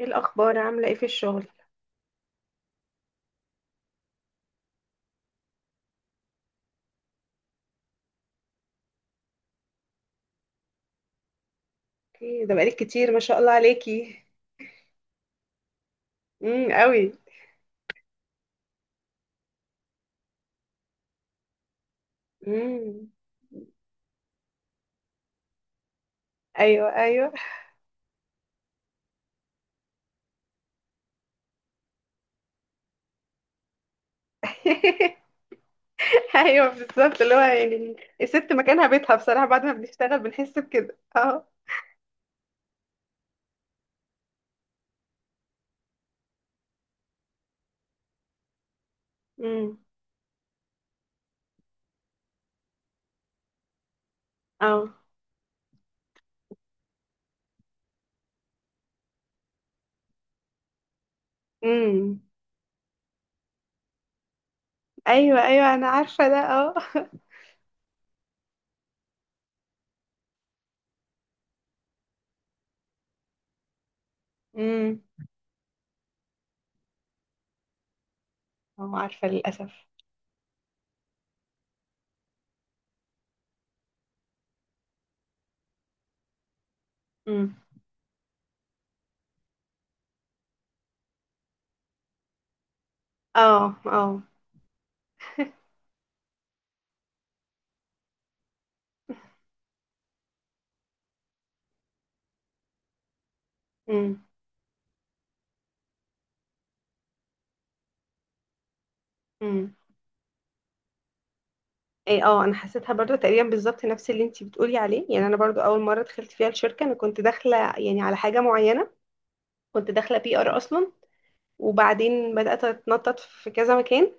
ايه الاخبار، عامله ايه في الشغل؟ ايه ده، بقالك كتير، ما شاء الله عليكي. امم، قوي. امم. ايوه، ايوه. ايوه، بالظبط. اللي هو يعني الست مكانها بيتها بصراحه، بعد ما بنشتغل بنحس بكده. اه. امم. اه. امم. ايوه، ايوه، انا عارفه ده، اه. امم. اه، عارفه للاسف. امم. اه، اه. امم. ايه، اه، انا حسيتها برضو تقريبا بالظبط نفس اللي انتي بتقولي عليه. يعني انا برضو اول مره دخلت فيها الشركه انا كنت داخله يعني على حاجه معينه. كنت داخله بي ار اصلا. وبعدين بدات اتنطط في كذا مكان.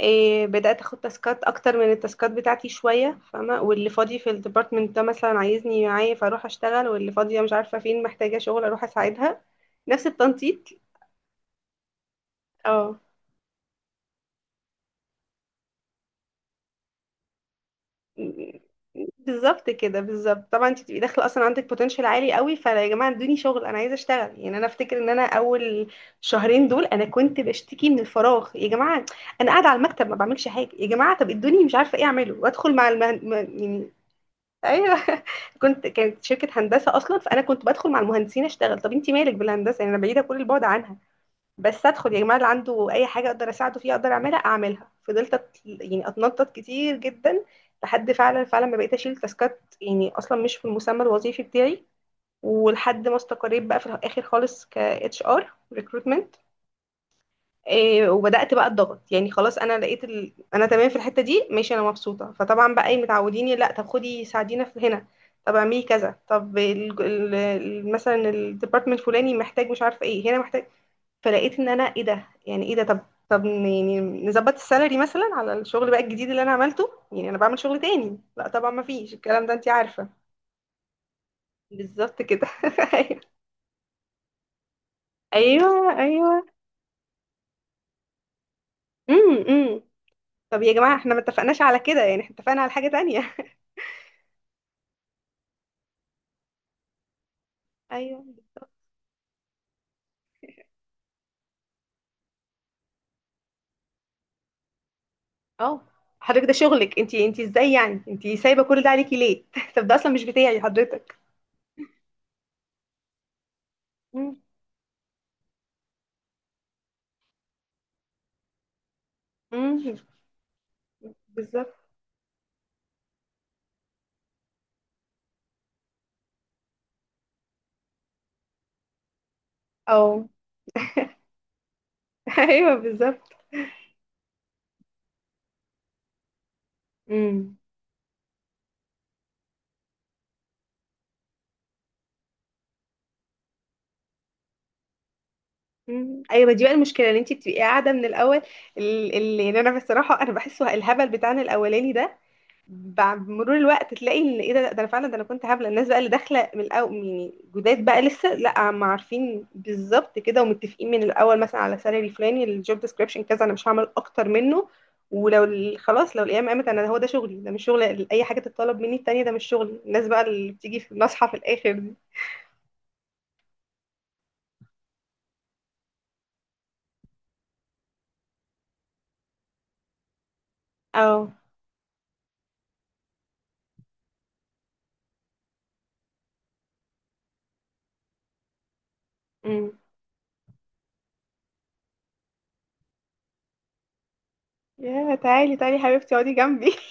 إيه، بدات اخد تاسكات اكتر من التاسكات بتاعتي شويه، فاهمه؟ واللي فاضي في الديبارتمنت ده مثلا عايزني معايا، فاروح اشتغل. واللي فاضيه مش عارفه فين محتاجه شغل، اروح اساعدها. نفس التنطيط. اه بالظبط كده، بالظبط. طبعا انت تبقي داخله اصلا عندك بوتنشال عالي قوي، فيا جماعه ادوني شغل، انا عايزه اشتغل. يعني انا افتكر ان انا اول شهرين دول انا كنت بشتكي من الفراغ يا جماعه. انا قاعده على المكتب ما بعملش حاجه، يا جماعه طب ادوني مش عارفه ايه اعمله. وادخل يعني. ايوه. كنت، كانت شركه هندسه اصلا، فانا كنت بدخل مع المهندسين اشتغل. طب انت مالك بالهندسه؟ يعني انا بعيده كل البعد عنها، بس ادخل يا جماعه، اللي عنده اي حاجه اقدر اساعده فيها اقدر اعملها اعملها. يعني اتنطط كتير جدا، لحد فعلا فعلا ما بقيت اشيل تاسكات يعني اصلا مش في المسمى الوظيفي بتاعي. ولحد ما استقريت بقى في الاخر خالص ك اتش ار ريكروتمنت. وبدات بقى الضغط. يعني خلاص انا لقيت ال... انا تمام في الحته دي، ماشي، انا مبسوطه. فطبعا بقى ايه، متعوديني، لا طب خدي ساعدينا في هنا، طب اعملي كذا، طب مثلا الديبارتمنت الفلاني محتاج مش عارفه ايه، هنا محتاج. فلقيت ان انا ايه ده، يعني ايه ده؟ طب يعني نظبط السالري مثلا على الشغل بقى الجديد اللي انا عملته، يعني انا بعمل شغل تاني. لا طبعا ما فيش الكلام ده، انت عارفه. بالظبط كده. ايوه، ايوه، ايوه. امم، امم. طب يا جماعه احنا ما اتفقناش على كده، يعني احنا اتفقنا على حاجه تانية. ايوه بالظبط. اه، حضرتك ده شغلك انت، انت ازاي يعني انت سايبه كل ده عليكي ليه؟ طب ده اصلا مش بتاعي حضرتك. امم. امم. بالظبط. اه. ايوه بالظبط. مم. مم. ايوه، ما دي بقى المشكله، ان انت بتبقي قاعده من الاول. يعني انا بصراحه انا بحسه الهبل بتاعنا الاولاني ده، بعد مرور الوقت تلاقي ان ايه ده، ده انا فعلا، ده انا كنت هبله. الناس بقى اللي داخله من الاول يعني جداد بقى لسه، لا ما عارفين بالظبط كده ومتفقين من الاول مثلا على سالري فلاني، الجوب ديسكريبشن كذا، انا مش هعمل اكتر منه. خلاص، لو الايام قامت انا هو ده شغلي، ده مش شغل، اي حاجه تتطلب مني التانيه ده مش شغلي. الناس بقى اللي بتيجي في نصحى في الاخر دي. اه. امم. يا تعالي تعالي حبيبتي اقعدي جنبي.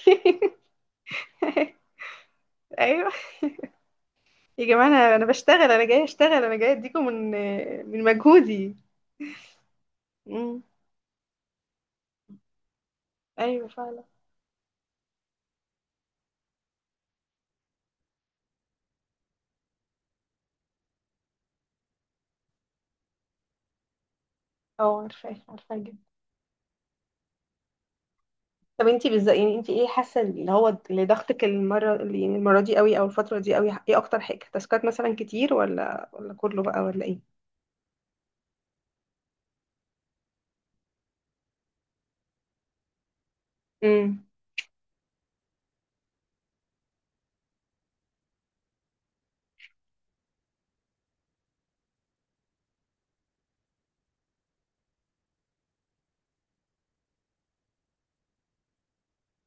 ايوه. يا جماعه انا، انا بشتغل، انا جايه اشتغل، انا جايه اديكم من من مجهودي. امم. ايوه فعلا. اه، عارفاه عارفاه جدا. طب انتي بالظبط يعني انتي ايه حاسه اللي هو اللي ضغطك المره، اللي يعني المره دي قوي او الفتره دي قوي؟ ايه اكتر حاجه، تاسكات مثلا كتير، ولا ولا كله بقى، ولا ايه؟ امم.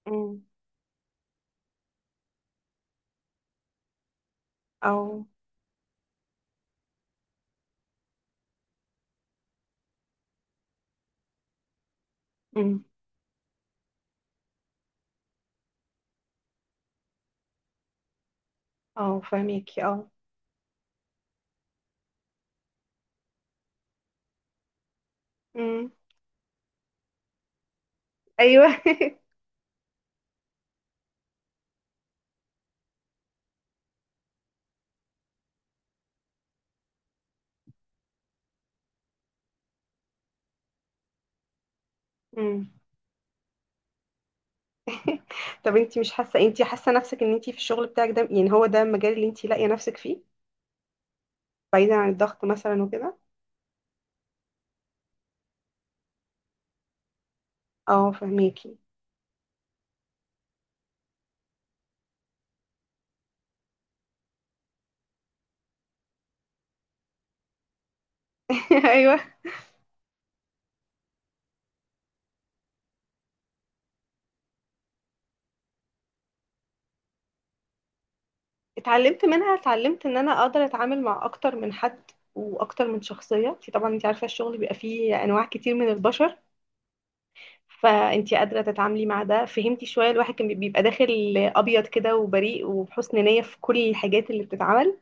امم. او. امم. اه فاهميكي، اه. امم. ايوه. امم. طب انتي مش حاسه، انتي حاسه نفسك ان انتي في الشغل بتاعك ده يعني هو ده المجال اللي انتي لاقيه نفسك فيه، بعيدا عن الضغط مثلا وكده؟ اه فهميكي. ايوه. اتعلمت منها، اتعلمت ان انا اقدر اتعامل مع اكتر من حد واكتر من شخصيه. انت طبعا انت عارفه الشغل بيبقى فيه انواع كتير من البشر، فانت قادره تتعاملي مع ده، فهمتي؟ شويه الواحد كان بيبقى داخل ابيض كده وبريء وبحسن نيه في كل الحاجات اللي بتتعمل.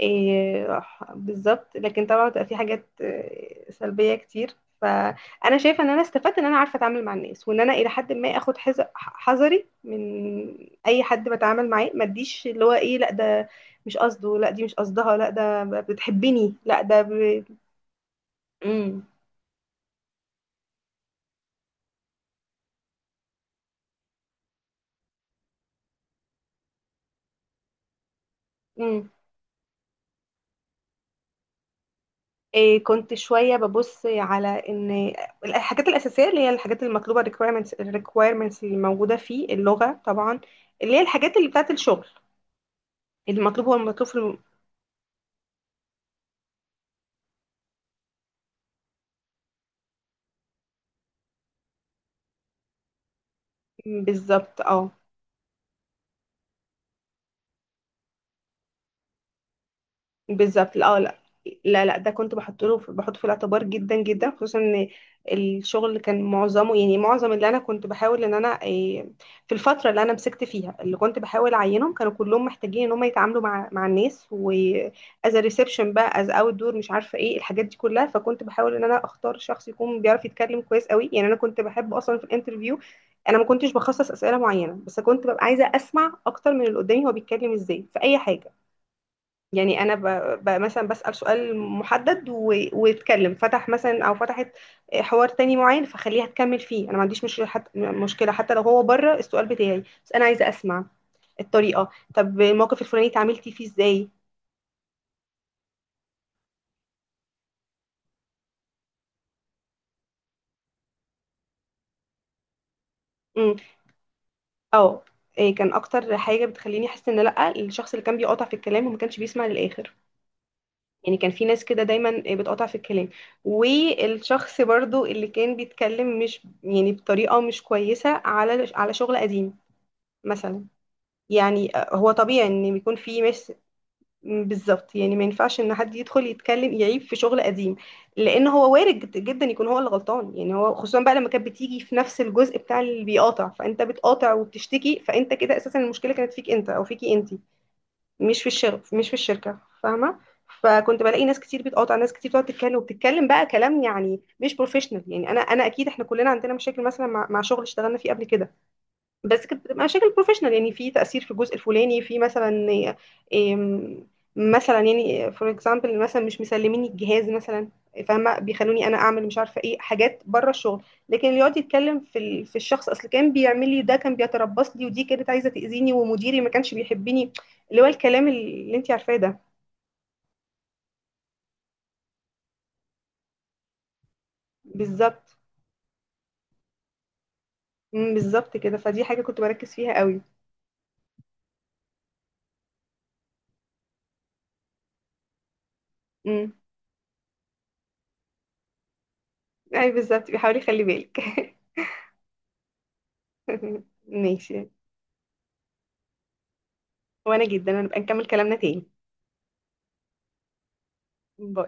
إيه، بالظبط. لكن طبعا بتبقى في حاجات، إيه، سلبية كتير. فأنا شايفة إن أنا استفدت إن أنا عارفة أتعامل مع الناس، وإن أنا إلى حد ما آخد حذري من أي حد بتعامل معاه. ما اديش اللي هو إيه، لا ده مش قصده، لا دي مش قصدها، لا ده بتحبني، لا ده ب... مم. مم. إيه، كنت شوية ببص على إن الحاجات الأساسية اللي هي الحاجات المطلوبة requirements الريكويرمنتس اللي موجودة، فيه اللغة طبعا، اللي هي الحاجات اللي بتاعت الشغل المطلوب، هو المطلوب في الم-. بالظبط اه. بالظبط. لا آه، لا، لا، لا، ده كنت بحط له، بحطه في الاعتبار جدا جدا، خصوصا ان الشغل كان معظمه، يعني معظم اللي انا كنت بحاول ان انا إيه، في الفتره اللي انا مسكت فيها اللي كنت بحاول اعينهم، كانوا كلهم محتاجين ان هم يتعاملوا مع الناس، واز ريسبشن بقى از اوت دور، مش عارفه ايه الحاجات دي كلها. فكنت بحاول ان انا اختار شخص يكون بيعرف يتكلم كويس قوي. يعني انا كنت بحب اصلا في الانترفيو، انا ما كنتش بخصص اسئله معينه، بس كنت ببقى عايزه اسمع اكتر من اللي قدامي، هو بيتكلم ازاي في اي حاجه. يعني انا ب... مثلا بسأل ويتكلم فتح مثلا، او فتحت حوار تاني معين، فخليها تكمل فيه، انا ما عنديش مشكله، حتى مشكله حتى لو هو بره السؤال بتاعي، بس انا عايزه اسمع الطريقه. طب الموقف الفلاني اتعاملتي فيه ازاي؟ امم. اه. إيه، كان اكتر حاجه بتخليني احس ان لا، الشخص اللي كان بيقاطع في الكلام وما كانش بيسمع للاخر. يعني كان في ناس كده دايما بتقاطع في الكلام، والشخص برضو اللي كان بيتكلم مش يعني بطريقه مش كويسه على على شغل قديم مثلا. يعني آه، هو طبيعي ان بيكون في مس. بالظبط، يعني ما ينفعش ان حد يدخل يتكلم يعيب في شغل قديم، لان هو وارد جدا يكون هو اللي غلطان. يعني هو خصوصا بقى لما كانت بتيجي في نفس الجزء بتاع اللي بيقاطع، فانت بتقاطع وبتشتكي، فانت كده اساسا المشكله كانت فيك انت او فيكي انت، مش في الشغل، مش في الشركه، فاهمه؟ فكنت بلاقي ناس كتير بتقاطع، ناس كتير بتقعد تتكلم وبتتكلم بقى كلام يعني مش بروفيشنال. يعني انا، انا اكيد احنا كلنا عندنا مشاكل مثلا مع شغل اشتغلنا فيه قبل كده، بس كانت بتبقى مشاكل بروفيشنال، يعني في تأثير في الجزء الفلاني، في مثلا إيه، مثلا يعني فور اكزامبل، مثلا مش مسلميني الجهاز مثلا، فاهمة؟ بيخلوني انا اعمل مش عارفة ايه، حاجات بره الشغل. لكن اللي يقعد يتكلم في الشخص، اصل كان بيعمل لي ده، كان بيتربص لي، ودي كانت عايزة تأذيني، ومديري ما كانش بيحبني، اللي هو الكلام اللي انت عارفاه ده. بالظبط. مم، بالظبط كده، فدي حاجة كنت بركز فيها قوي. امم. اي بالظبط، بيحاول يخلي بالك. ماشي، وانا جدا هنبقى نكمل كلامنا تاني. ب...